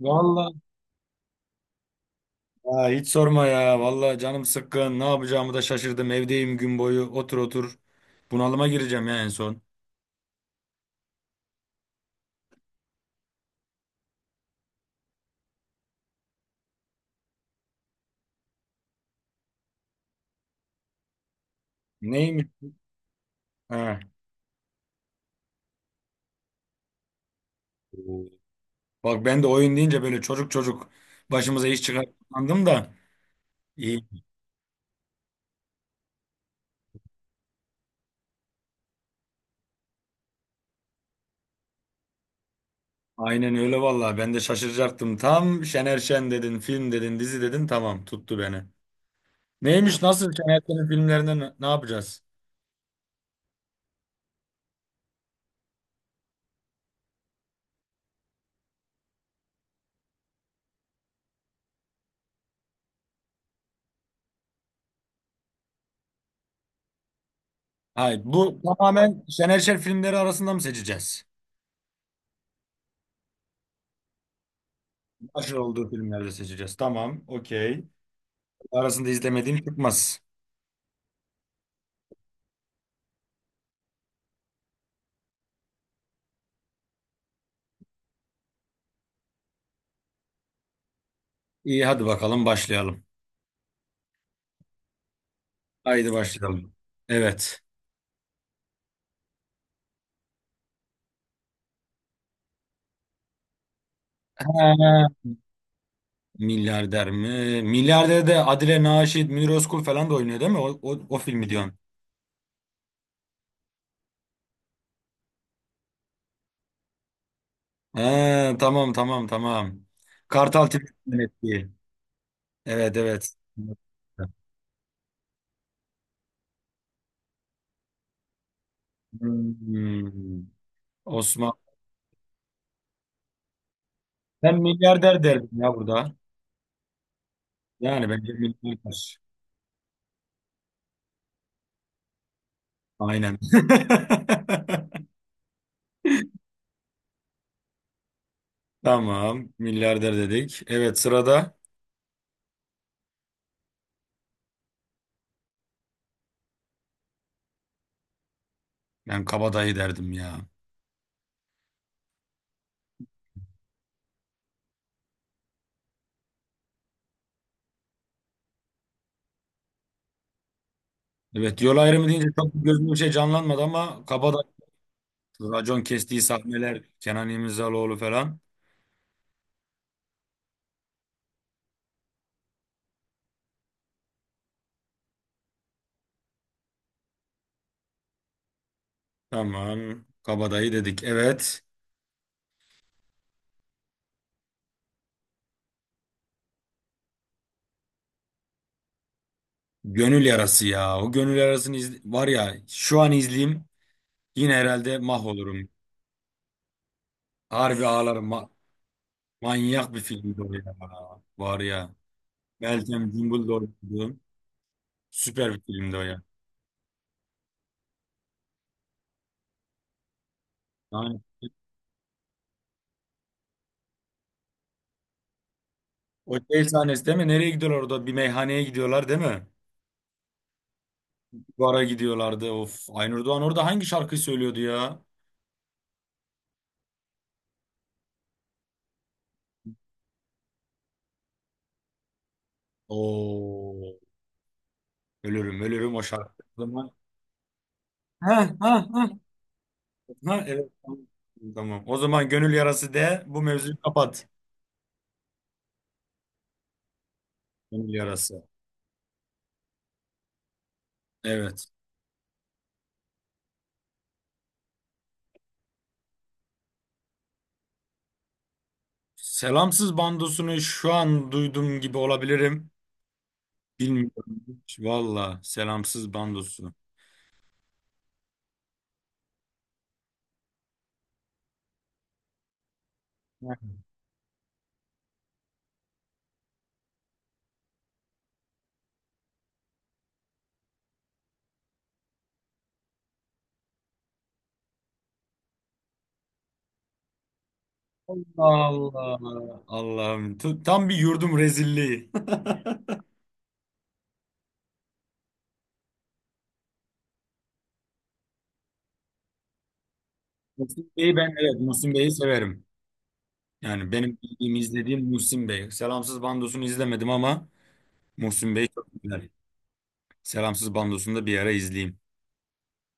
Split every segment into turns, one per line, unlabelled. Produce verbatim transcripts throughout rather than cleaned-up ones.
Vallahi ya hiç sorma ya. Vallahi canım sıkkın. Ne yapacağımı da şaşırdım. Evdeyim gün boyu. Otur otur. Bunalıma gireceğim ya en son. Neymiş? Ha. Oo. Bak ben de oyun deyince böyle çocuk çocuk başımıza iş çıkar da. İyi. Aynen öyle vallahi. Ben de şaşıracaktım. Tam Şener Şen dedin, film dedin, dizi dedin. Tamam, tuttu beni. Neymiş? Nasıl Şener Şen'in filmlerinden ne ne yapacağız? Hayır, bu tamamen Şener Şen filmleri arasında mı seçeceğiz? Başrol olduğu filmlerde seçeceğiz. Tamam, okey. Arasında izlemediğin çıkmaz. İyi hadi bakalım başlayalım. Haydi başlayalım. Evet. Ha, milyarder mi? Milyarder de Adile Naşit, Münir Özkul falan da oynuyor değil mi? O, o, o filmi diyorsun. Ha, tamam tamam tamam. Kartal Tibet'in yönettiği. Evet evet. Hmm. Osman. Ben milyarder derdim ya burada. Yani bence milyarder. Aynen. Tamam. Milyarder dedik. Evet sırada. Ben kabadayı derdim ya. Evet, yol ayrımı deyince çok gözümde bir şey canlanmadı, ama kabadayı. Racon kestiği sahneler, Kenan İmirzalıoğlu falan. Tamam, kabadayı dedik. Evet, gönül yarası ya. O gönül yarasını izle- var ya şu an izleyeyim yine herhalde mahvolurum. Harbi ağlarım. Ma- manyak bir filmdi o ya. Var ya. Meltem Cumbul'da oynadı. Süper bir filmdi o ya. Yani, o şey sahnesi değil mi? Nereye gidiyorlar orada? Bir meyhaneye gidiyorlar değil mi? Bara gidiyorlardı. Of. Aynur Doğan orada hangi şarkıyı söylüyordu ya? Oo. Ölürüm ölürüm o şarkı. O zaman... Ha, ha, ha. Ha, evet. Tamam. Tamam. O zaman gönül yarası de, bu mevzuyu kapat. Gönül yarası. Evet. Selamsız bandosunu şu an duydum gibi olabilirim. Bilmiyorum hiç. Valla selamsız bandosu. Allah Allah. Allah'ım. Tu- Tam bir yurdum rezilliği. Muhsin Bey'i ben, evet, Muhsin Bey'i severim. Yani benim bildiğim, izlediğim Muhsin Bey. Selamsız Bandos'unu izlemedim ama Muhsin Bey çok güzel. Selamsız Bandos'unu da bir ara izleyeyim.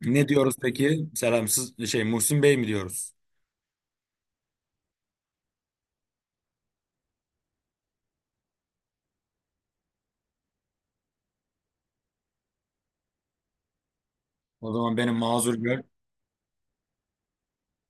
Ne diyoruz peki? Selamsız şey, Muhsin Bey mi diyoruz? O zaman benim mazur gör.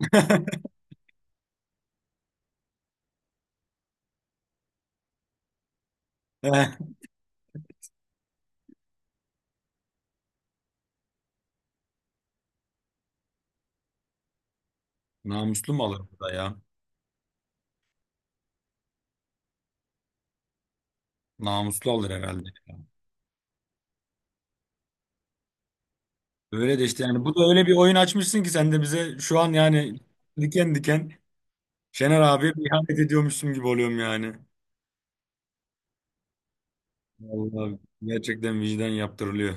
Eh, namuslu mu alır bu da ya? Namuslu alır herhalde. Öyle de işte, yani bu da öyle bir oyun açmışsın ki sen de bize şu an yani diken diken Şener abiye bir ihanet ediyormuşum gibi oluyorum yani. Vallahi gerçekten vicdan yaptırılıyor.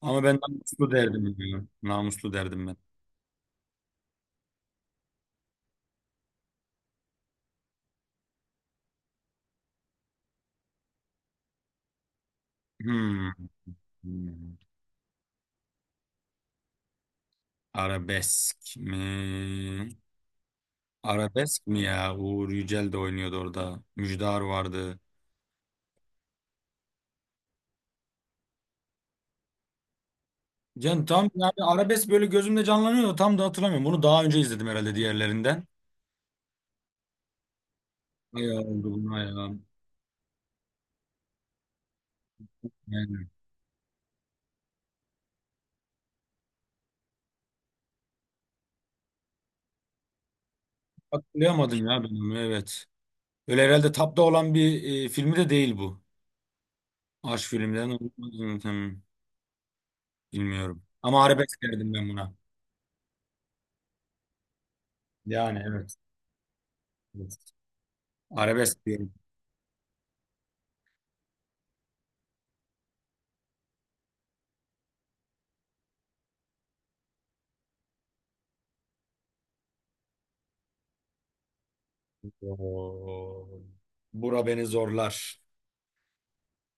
Ama ben namuslu derdim ya. Namuslu derdim ben. Hmm. Hmm. Arabesk mi? Arabesk mi ya? Uğur Yücel de oynuyordu orada. Müjdar vardı. Can tam yani arabesk böyle gözümde canlanıyor da tam da hatırlamıyorum. Bunu daha önce izledim herhalde diğerlerinden. Ay oldu buna ya. Yani hatırlayamadım ya ben onu, evet. Öyle herhalde tapta olan bir e, filmi de değil bu. Aşk filmden, hmm, bilmiyorum. Ama arabesk derdim ben buna. Yani evet. Evet. Arabesk diyorum. Oo. Bura beni zorlar.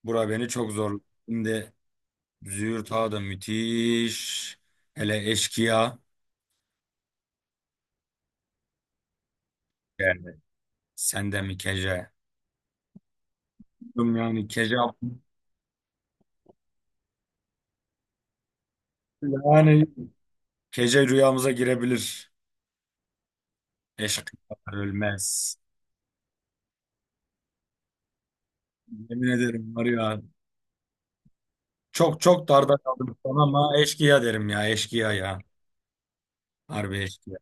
Bura beni çok zorlar. Şimdi Züğürt Ağa da müthiş. Hele Eşkıya. Yani. Sen de mi Kece? Bilmiyorum. Yani, Kece. Yani. Kece rüyamıza girebilir. Eşkıyalar ölmez. Yemin ederim var ya. Çok çok darda kaldım şu an ama eşkıya derim ya. Eşkıya ya. Harbi eşkıya.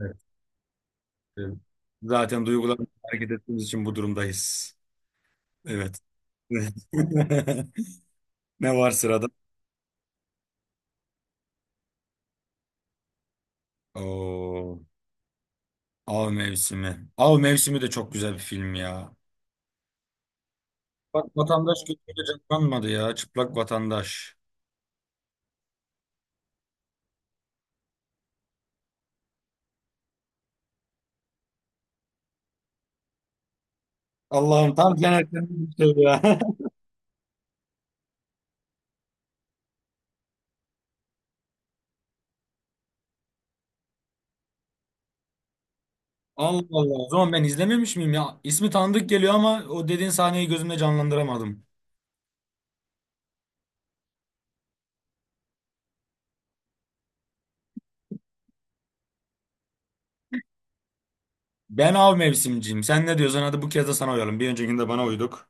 Evet. Evet. Zaten duygularımızla hareket ettiğimiz için bu durumdayız. Evet. Ne var sırada? Oo, Av Mevsimi. Av Mevsimi de çok güzel bir film ya. Bak, vatandaş gözüyle canlanmadı ya. Çıplak vatandaş. Allah'ım, tam genellikle bir şey ya. Allah Allah. O zaman ben izlememiş miyim ya? İsmi tanıdık geliyor ama o dediğin sahneyi gözümde canlandıramadım. Ben av mevsimciyim. Sen ne diyorsun? Hadi bu kez de sana uyalım. Bir öncekinde bana uyduk.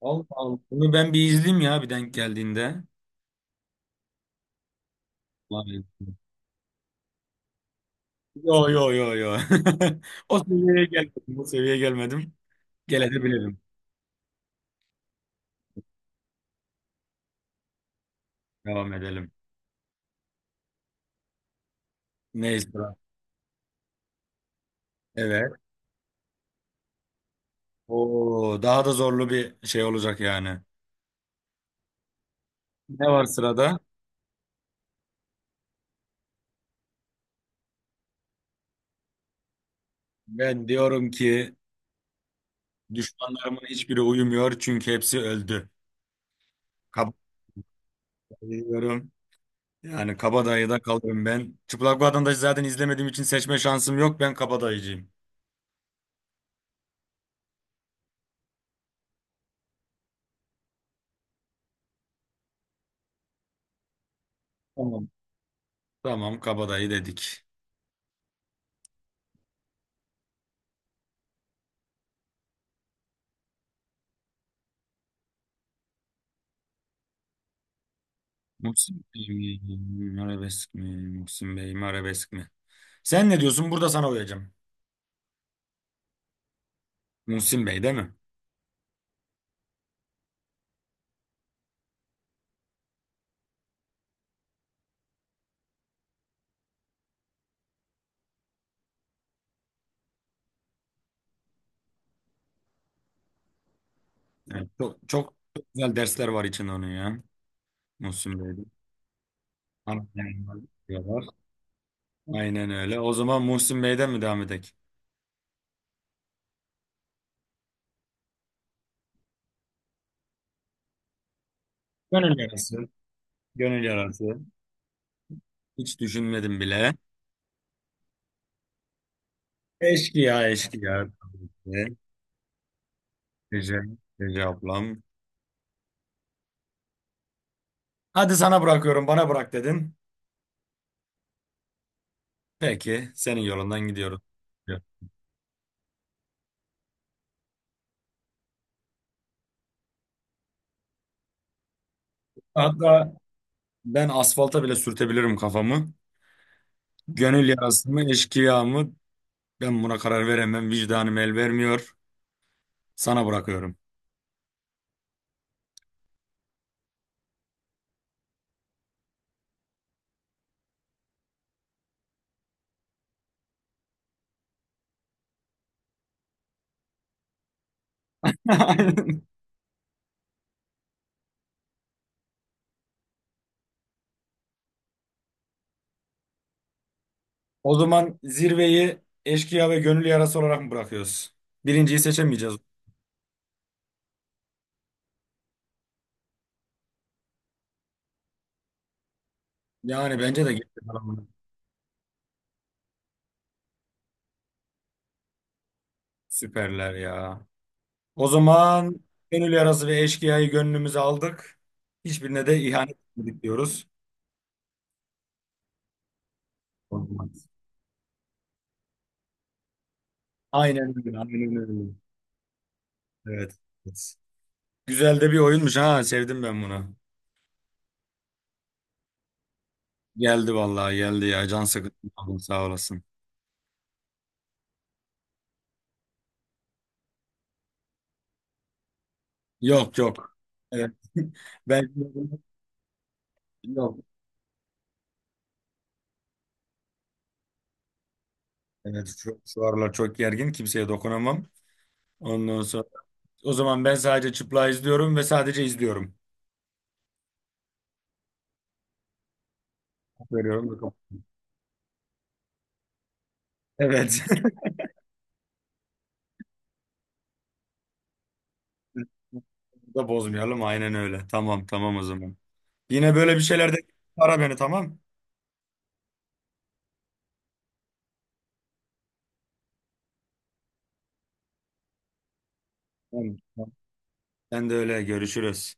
Allah Allah. Bunu ben bir izleyeyim ya, bir denk geldiğinde. Vay. Yo yo yo yo. O seviyeye gelmedim. O seviyeye gelmedim. Gelebilirim. Devam edelim. Ne sıra? Evet. Oo, daha da zorlu bir şey olacak yani. Ne var sırada? Ben diyorum ki, düşmanlarımın hiçbiri uyumuyor çünkü hepsi öldü. Kabadayı diyorum. Yani Kabadayı'da kalırım ben. Çıplak Vatandaşı zaten izlemediğim için seçme şansım yok. Ben Kabadayıcıyım. Tamam. Tamam, Kabadayı dedik. Muhsin Bey mi, arabesk mi? Muhsin Bey mi, arabesk mi? Sen ne diyorsun? Burada sana uyacağım. Muhsin Bey değil mi? Evet, çok, çok güzel dersler var içinde onun ya. Muhsin Bey'de. Ana planlar diyorlar. Aynen öyle. O zaman Muhsin Bey'den mi devam edelim? Gönül yarası. Gönül yarası. Hiç düşünmedim bile. Eşkıya, eşkıya. Ece, Ece ablam. Hadi sana bırakıyorum, bana bırak dedin. Peki, senin yolundan gidiyorum. Hatta ben asfalta bile sürtebilirim kafamı. Gönül yarası mı, eşkıya mı? Ben buna karar veremem. Vicdanım el vermiyor. Sana bırakıyorum. O zaman zirveyi eşkıya ve gönül yarası olarak mı bırakıyoruz? Birinciyi seçemeyeceğiz. Yani bence de gitti falan bunu. Süperler ya. O zaman gönül yarası ve eşkıyayı gönlümüze aldık. Hiçbirine de ihanet etmedik diyoruz. Olmaz. Aynen öyle. Aynen öyle. Evet. Evet. Güzel de bir oyunmuş ha. Sevdim ben bunu. Geldi vallahi, geldi ya. Can sıkıntı. Sağ olasın. Yok yok. Evet. Ben yok. Evet, şu, şu aralar çok gergin. Kimseye dokunamam. Ondan sonra, o zaman ben sadece çıplağı izliyorum ve sadece izliyorum. Veriyorum. Bakalım. Evet. Da bozmayalım. Aynen öyle. Tamam tamam o zaman. Yine böyle bir şeylerde ara beni, tamam. Tamam. Tamam. Sen de öyle, görüşürüz.